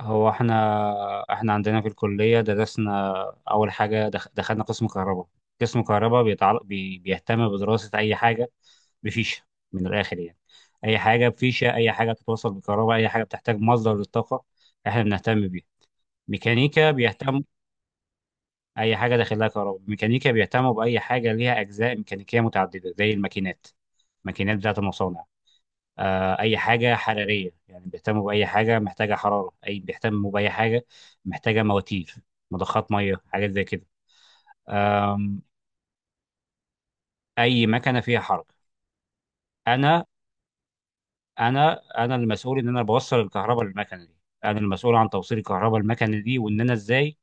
هو احنا عندنا في الكلية درسنا. أول حاجة دخلنا قسم كهرباء. قسم كهرباء بيتعلق بي بيهتم بدراسة أي حاجة بفيشة، من الآخر يعني. أي حاجة بفيشة، أي حاجة تتوصل بالكهرباء، أي حاجة بتحتاج مصدر للطاقة احنا بنهتم بيها. ميكانيكا بيهتم أي حاجة داخلها كهرباء. ميكانيكا بيهتموا بأي حاجة ليها أجزاء ميكانيكية متعددة زي الماكينات، الماكينات بتاعة المصانع. اي حاجه حراريه، يعني بيهتموا باي حاجه محتاجه حراره، بيهتموا باي حاجه محتاجه مواتير، مضخات ميه، حاجات زي كده. أم، اي مكنه فيها حركه. انا انا المسؤول ان انا بوصل الكهرباء للمكنه دي. انا المسؤول عن توصيل الكهرباء للمكنه دي، وان انا ازاي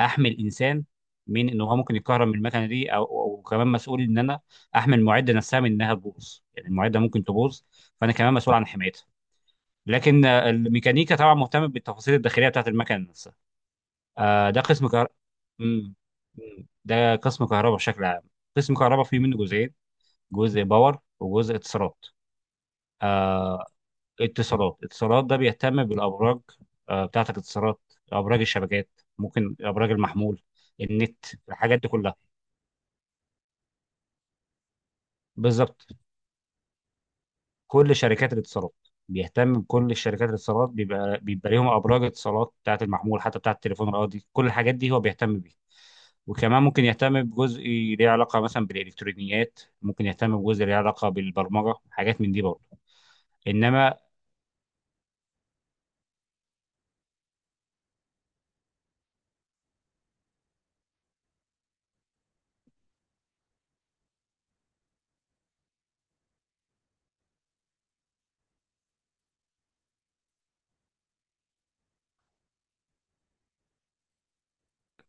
احمي الانسان من ان هو ممكن يتكهرب من المكنه دي او. وكمان مسؤول ان انا احمي المعده نفسها من انها تبوظ، يعني المعده ممكن تبوظ، فانا كمان مسؤول عن حمايتها. لكن الميكانيكا طبعا مهتم بالتفاصيل الداخليه بتاعت المكنه نفسها. آه، ده قسم كهرباء. مم. مم. ده قسم كهرباء بشكل عام. قسم كهرباء فيه منه جزئين، جزء باور وجزء اتصالات. آه. اتصالات ده بيهتم بالابراج، آه، بتاعت الاتصالات، ابراج الشبكات، ممكن ابراج المحمول، النت، الحاجات دي كلها. بالظبط، كل شركات الاتصالات، بيهتم بكل شركات الاتصالات. بيبقى ليهم ابراج اتصالات بتاعه المحمول، حتى بتاعه التليفون الارضي، كل الحاجات دي هو بيهتم بيها. وكمان ممكن يهتم بجزء ليه علاقه مثلا بالالكترونيات، ممكن يهتم بجزء ليه علاقه بالبرمجه، حاجات من دي برضه. انما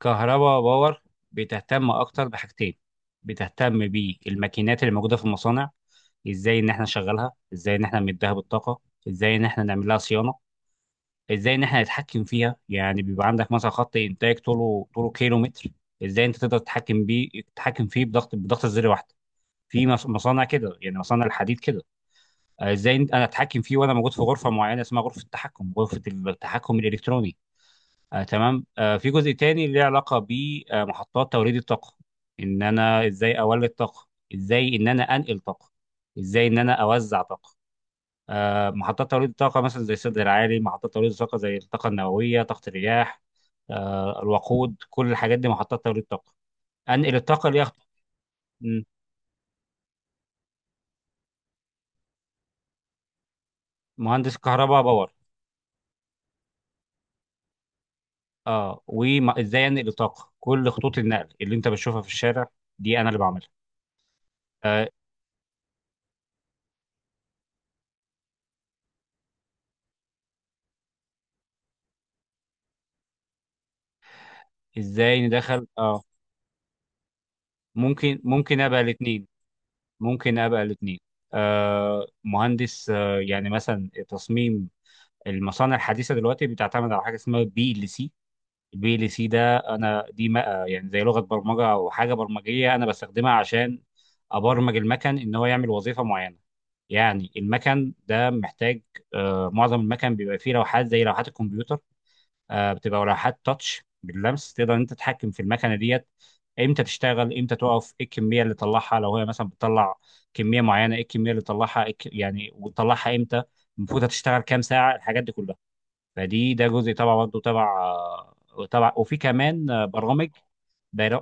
كهرباء باور بتهتم اكتر بحاجتين. بتهتم بالماكينات اللي موجوده في المصانع، ازاي ان احنا نشغلها، ازاي ان احنا نديها بالطاقه، ازاي ان احنا نعمل لها صيانه، ازاي ان احنا نتحكم فيها. يعني بيبقى عندك مثلا خط انتاج طوله كيلو متر، ازاي انت تقدر تتحكم بيه، تتحكم فيه بضغط زر واحده، في مصانع كده، يعني مصانع الحديد كده. آه، ازاي انا اتحكم فيه وانا موجود في غرفه معينه اسمها غرفه التحكم، غرفه التحكم الالكتروني. آه تمام. آه، في جزء تاني له علاقه بمحطات توليد الطاقه، ان انا ازاي اولد طاقه، ازاي ان انا انقل طاقه، ازاي ان انا اوزع طاقه. آه، محطات توليد الطاقة مثلا زي السد العالي، محطات توليد الطاقة زي الطاقة النووية، طاقة الرياح، الوقود، كل الحاجات دي محطات توليد طاقة. أنقل الطاقة ليها خط- م، مهندس كهرباء باور. اه، وازاي انقل الطاقة، كل خطوط النقل اللي انت بتشوفها في الشارع دي انا اللي بعملها. آه، ازاي ندخل؟ اه، ممكن، ممكن ابقى الاثنين، ممكن ابقى الاثنين. آه، مهندس آه، يعني مثلا تصميم المصانع الحديثة دلوقتي بتعتمد على حاجة اسمها PLC، الPLC ده انا دي ما يعني زي لغه برمجه او حاجه برمجيه انا بستخدمها عشان ابرمج المكن ان هو يعمل وظيفه معينه. يعني المكن ده محتاج، معظم المكن بيبقى فيه لوحات زي لوحات الكمبيوتر. آه، بتبقى لوحات تاتش باللمس، تقدر إن انت تتحكم في المكنه ديت، امتى تشتغل، امتى تقف، ايه الكميه اللي تطلعها لو هي مثلا بتطلع كميه معينه، ايه الكميه اللي تطلعها، يعني وتطلعها امتى، المفروض هتشتغل كام ساعه، الحاجات دي كلها. ده جزء طبعا برضه تبع. وفي كمان برامج،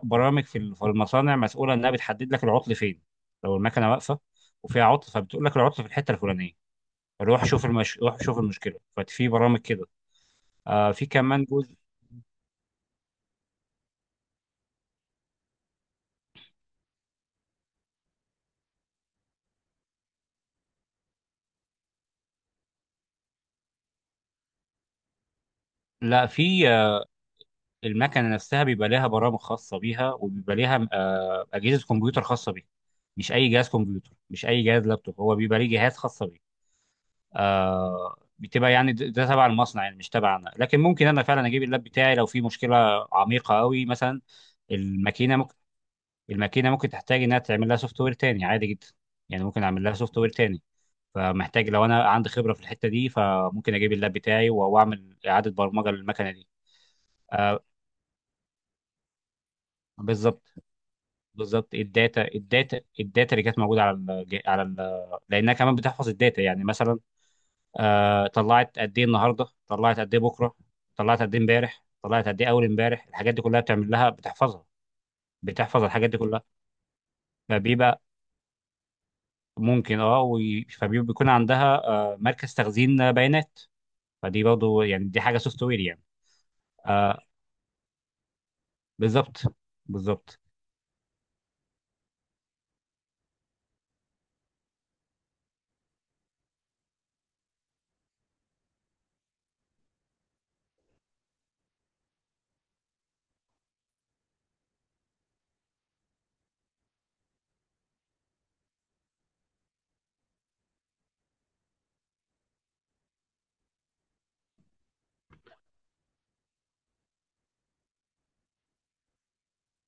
برامج في المصانع مسؤوله انها بتحدد لك العطل فين، لو المكنه واقفه وفيها عطل، فبتقول لك العطل في الحته الفلانيه. روح شوف المشكله. ففي برامج كده. آه، في كمان جزء. لا في آه المكنه نفسها بيبقى لها برامج خاصه بيها، وبيبقى لها آه، اجهزه كمبيوتر خاصه بيها، مش اي جهاز كمبيوتر، مش اي جهاز لابتوب، هو بيبقى ليه جهاز خاص بيه. آه، بتبقى يعني ده تبع المصنع، يعني مش تبعنا، لكن ممكن انا فعلا اجيب اللاب بتاعي لو في مشكله عميقه قوي مثلا. الماكينه ممكن الماكينه ممكن تحتاج انها تعمل لها سوفت وير تاني، عادي جدا، يعني ممكن اعمل لها سوفت وير تاني. فمحتاج لو انا عندي خبره في الحته دي، فممكن اجيب اللاب بتاعي واعمل اعاده برمجه للمكنه دي. آه، بالظبط، بالظبط. الداتا، الداتا اللي كانت موجوده على لانها كمان بتحفظ الداتا. يعني مثلا آه، طلعت قد ايه النهارده، طلعت قد ايه بكره، طلعت قد ايه امبارح، طلعت قد ايه اول امبارح، الحاجات دي كلها بتعمل لها، بتحفظها، بتحفظ الحاجات دي كلها. فبيبقى ممكن فبيكون عندها آه، مركز تخزين بيانات. فدي برضه يعني دي حاجه سوفت وير يعني. آه، بالظبط، بالظبط.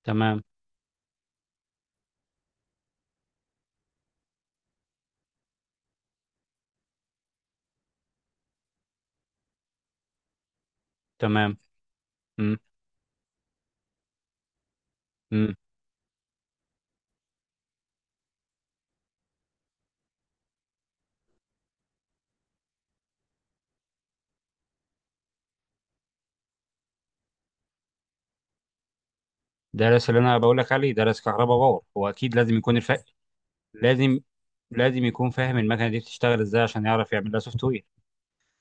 تمام. تمام. امم. امم. درس اللي انا بقول لك عليه، درس كهرباء باور. هو اكيد لازم يكون لازم، لازم يكون فاهم المكنه دي بتشتغل ازاي عشان يعرف يعمل لها سوفت وير.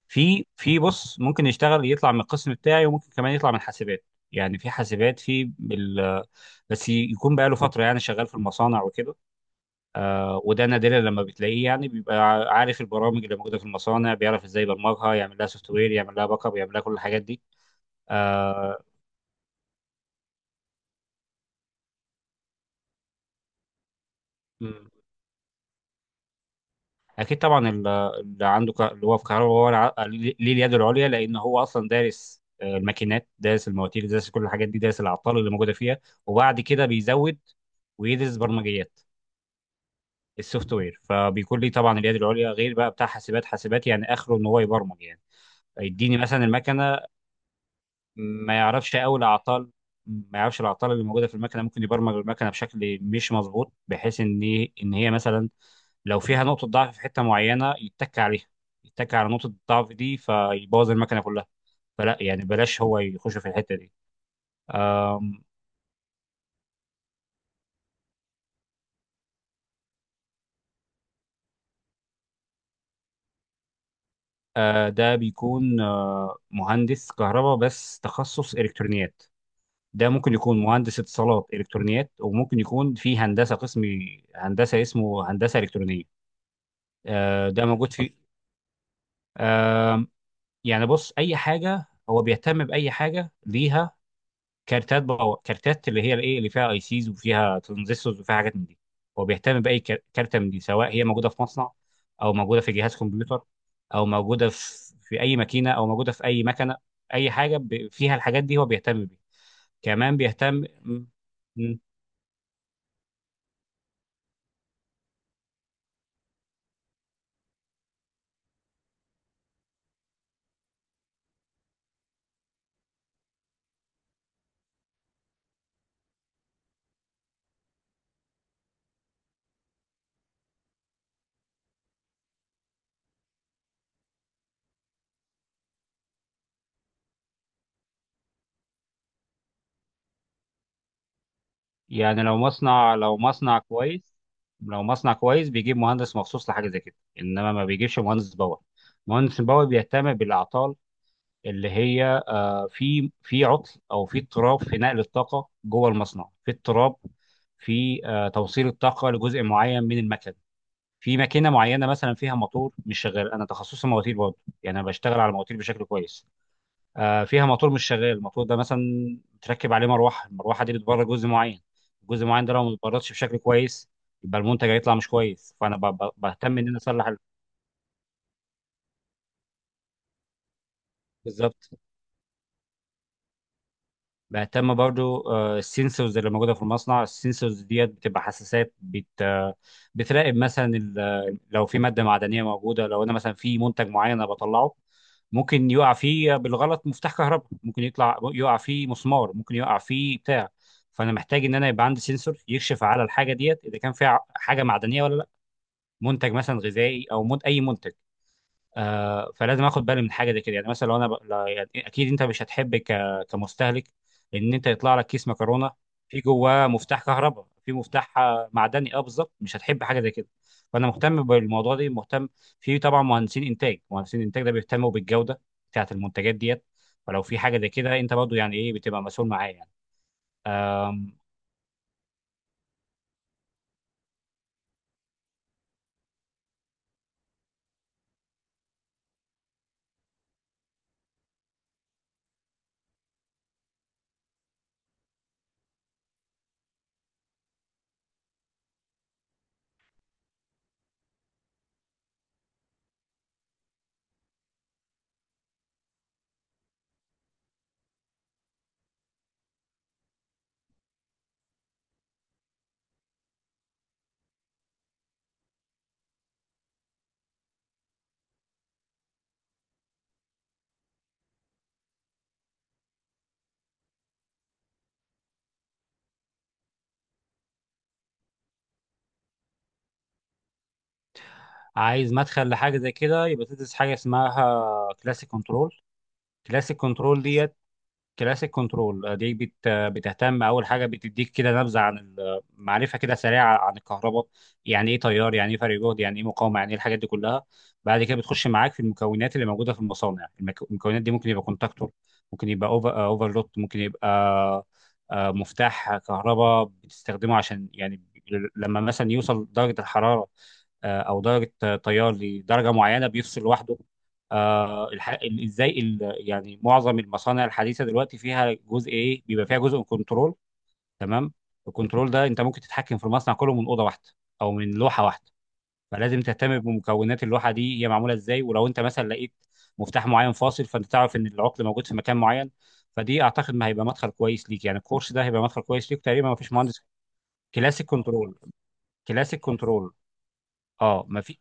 في بص، ممكن يشتغل يطلع من القسم بتاعي، وممكن كمان يطلع من حاسبات. يعني في حاسبات بس يكون بقى له فتره يعني شغال في المصانع وكده. آه، وده نادرا لما بتلاقيه، يعني بيبقى عارف البرامج اللي موجوده في المصانع، بيعرف ازاي يبرمجها، يعمل لها سوفت وير، يعمل لها باك اب، يعمل لها كل الحاجات دي. آه. اكيد طبعا، اللي هو في كهرباء هو ليه اليد العليا، لان هو اصلا دارس، آه، الماكينات، دارس المواتير، دارس كل الحاجات دي، دارس العطال اللي موجوده فيها، وبعد كده بيزود ويدرس برمجيات، السوفت وير. فبيكون ليه طبعا اليد العليا، غير بقى بتاع حاسبات. حاسبات يعني اخره ان هو يبرمج يعني، يديني مثلا المكنه، ما يعرفش قوي الاعطال، ما يعرفش الاعطال اللي موجوده في المكنه. ممكن يبرمج المكنه بشكل مش مظبوط، بحيث ان ان هي مثلا لو فيها نقطه ضعف في حته معينه يتك عليها، يتك على نقطه الضعف دي فيبوظ المكنه كلها. فلا، يعني بلاش هو يخش في الحته دي. ده بيكون مهندس كهرباء بس تخصص الكترونيات. ده ممكن يكون مهندس اتصالات الكترونيات، وممكن يكون في هندسه قسم هندسه اسمه هندسه الكترونيه. آه، ده موجود في آه، يعني بص، اي حاجه هو بيهتم باي حاجه ليها كارتات اللي هي الايه اللي فيها اي سيز، وفيها ترانزستورز، وفيها حاجات من دي. هو بيهتم باي كارته من دي، سواء هي موجوده في مصنع، او موجوده في جهاز كمبيوتر، او موجوده في اي ماكينه، او موجوده في اي مكنه، اي حاجه فيها الحاجات دي هو بيهتم بيها. كمان بيهتم م- م- يعني لو مصنع، لو مصنع كويس بيجيب مهندس مخصوص لحاجه زي كده، انما ما بيجيبش مهندس باور. مهندس باور بيهتم بالاعطال اللي هي، في في عطل او في اضطراب في نقل الطاقه جوه المصنع، في اضطراب في توصيل الطاقه لجزء معين من المكن، في ماكينه معينه مثلا فيها موتور مش شغال. انا تخصصي مواتير برضه، يعني انا بشتغل على المواتير بشكل كويس. آه، فيها موتور مش شغال، الموتور ده مثلا متركب عليه مروحه، المروحه دي بتبرد جزء معين، الجزء المعين ده لو ما اتبردش بشكل كويس، يبقى المنتج هيطلع مش كويس. فانا بهتم ان انا اصلح بالظبط. بهتم برضو السنسورز اللي موجوده في المصنع، السنسورز ديت بتبقى حساسات بت آه، بتراقب مثلا لو في ماده معدنيه موجوده، لو انا مثلا في منتج معين انا بطلعه، ممكن يقع فيه بالغلط مفتاح كهرباء، ممكن يطلع يقع فيه مسمار، ممكن يقع فيه بتاع. فانا محتاج ان انا يبقى عندي سنسور يكشف على الحاجه ديت اذا كان فيها حاجه معدنيه ولا لا، منتج مثلا غذائي او من اي منتج. آه، فلازم اخد بالي من حاجه زي كده. يعني مثلا لو انا ب... لا- يعني اكيد انت مش هتحب، كمستهلك، ان انت يطلع لك كيس مكرونه في جواه مفتاح كهرباء، في مفتاح آه، معدني، اه بالظبط، مش هتحب حاجه زي كده. فانا مهتم بالموضوع ده، مهتم. في طبعا مهندسين انتاج، مهندسين انتاج ده بيهتموا بالجوده بتاعه المنتجات ديت. فلو في حاجه زي كده انت برضو يعني ايه، بتبقى مسؤول معاه يعني. عايز مدخل لحاجه زي كده، يبقى تدرس حاجه اسمها كلاسيك كنترول. كلاسيك كنترول ديت، كلاسيك كنترول دي بتهتم اول حاجه بتديك كده نبذه معرفه كده سريعه عن الكهرباء، يعني ايه تيار، يعني ايه فرق جهد، يعني ايه مقاومه، يعني ايه، الحاجات دي كلها. بعد كده بتخش معاك في المكونات اللي موجوده في المصانع. المكونات دي ممكن يبقى كونتاكتور، ممكن يبقى اوفرلود ممكن يبقى آه، مفتاح كهرباء بتستخدمه عشان يعني، لما مثلا يوصل درجه الحراره، آه، او درجه آه، تيار لدرجه معينه بيفصل لوحده. آه الح... ال- ازاي ال... يعني معظم المصانع الحديثه دلوقتي فيها جزء ايه، بيبقى فيها جزء كنترول، تمام؟ الكنترول ده انت ممكن تتحكم في المصنع كله من اوضه واحده، او من لوحه واحده. فلازم تهتم بمكونات اللوحه دي هي معموله ازاي، ولو انت مثلا لقيت مفتاح معين فاصل، فانت تعرف ان العقل موجود في مكان معين. فدي اعتقد ما هيبقى مدخل كويس ليك، يعني الكورس ده هيبقى مدخل كويس ليك تقريبا. ما فيش مهندس. كلاسيك كنترول. كلاسيك كنترول. اه ما في.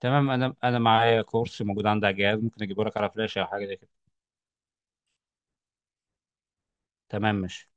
تمام، انا معايا كورس موجود عندي على الجهاز، ممكن اجيبه لك على فلاش او حاجه زي كده. تمام ماشي.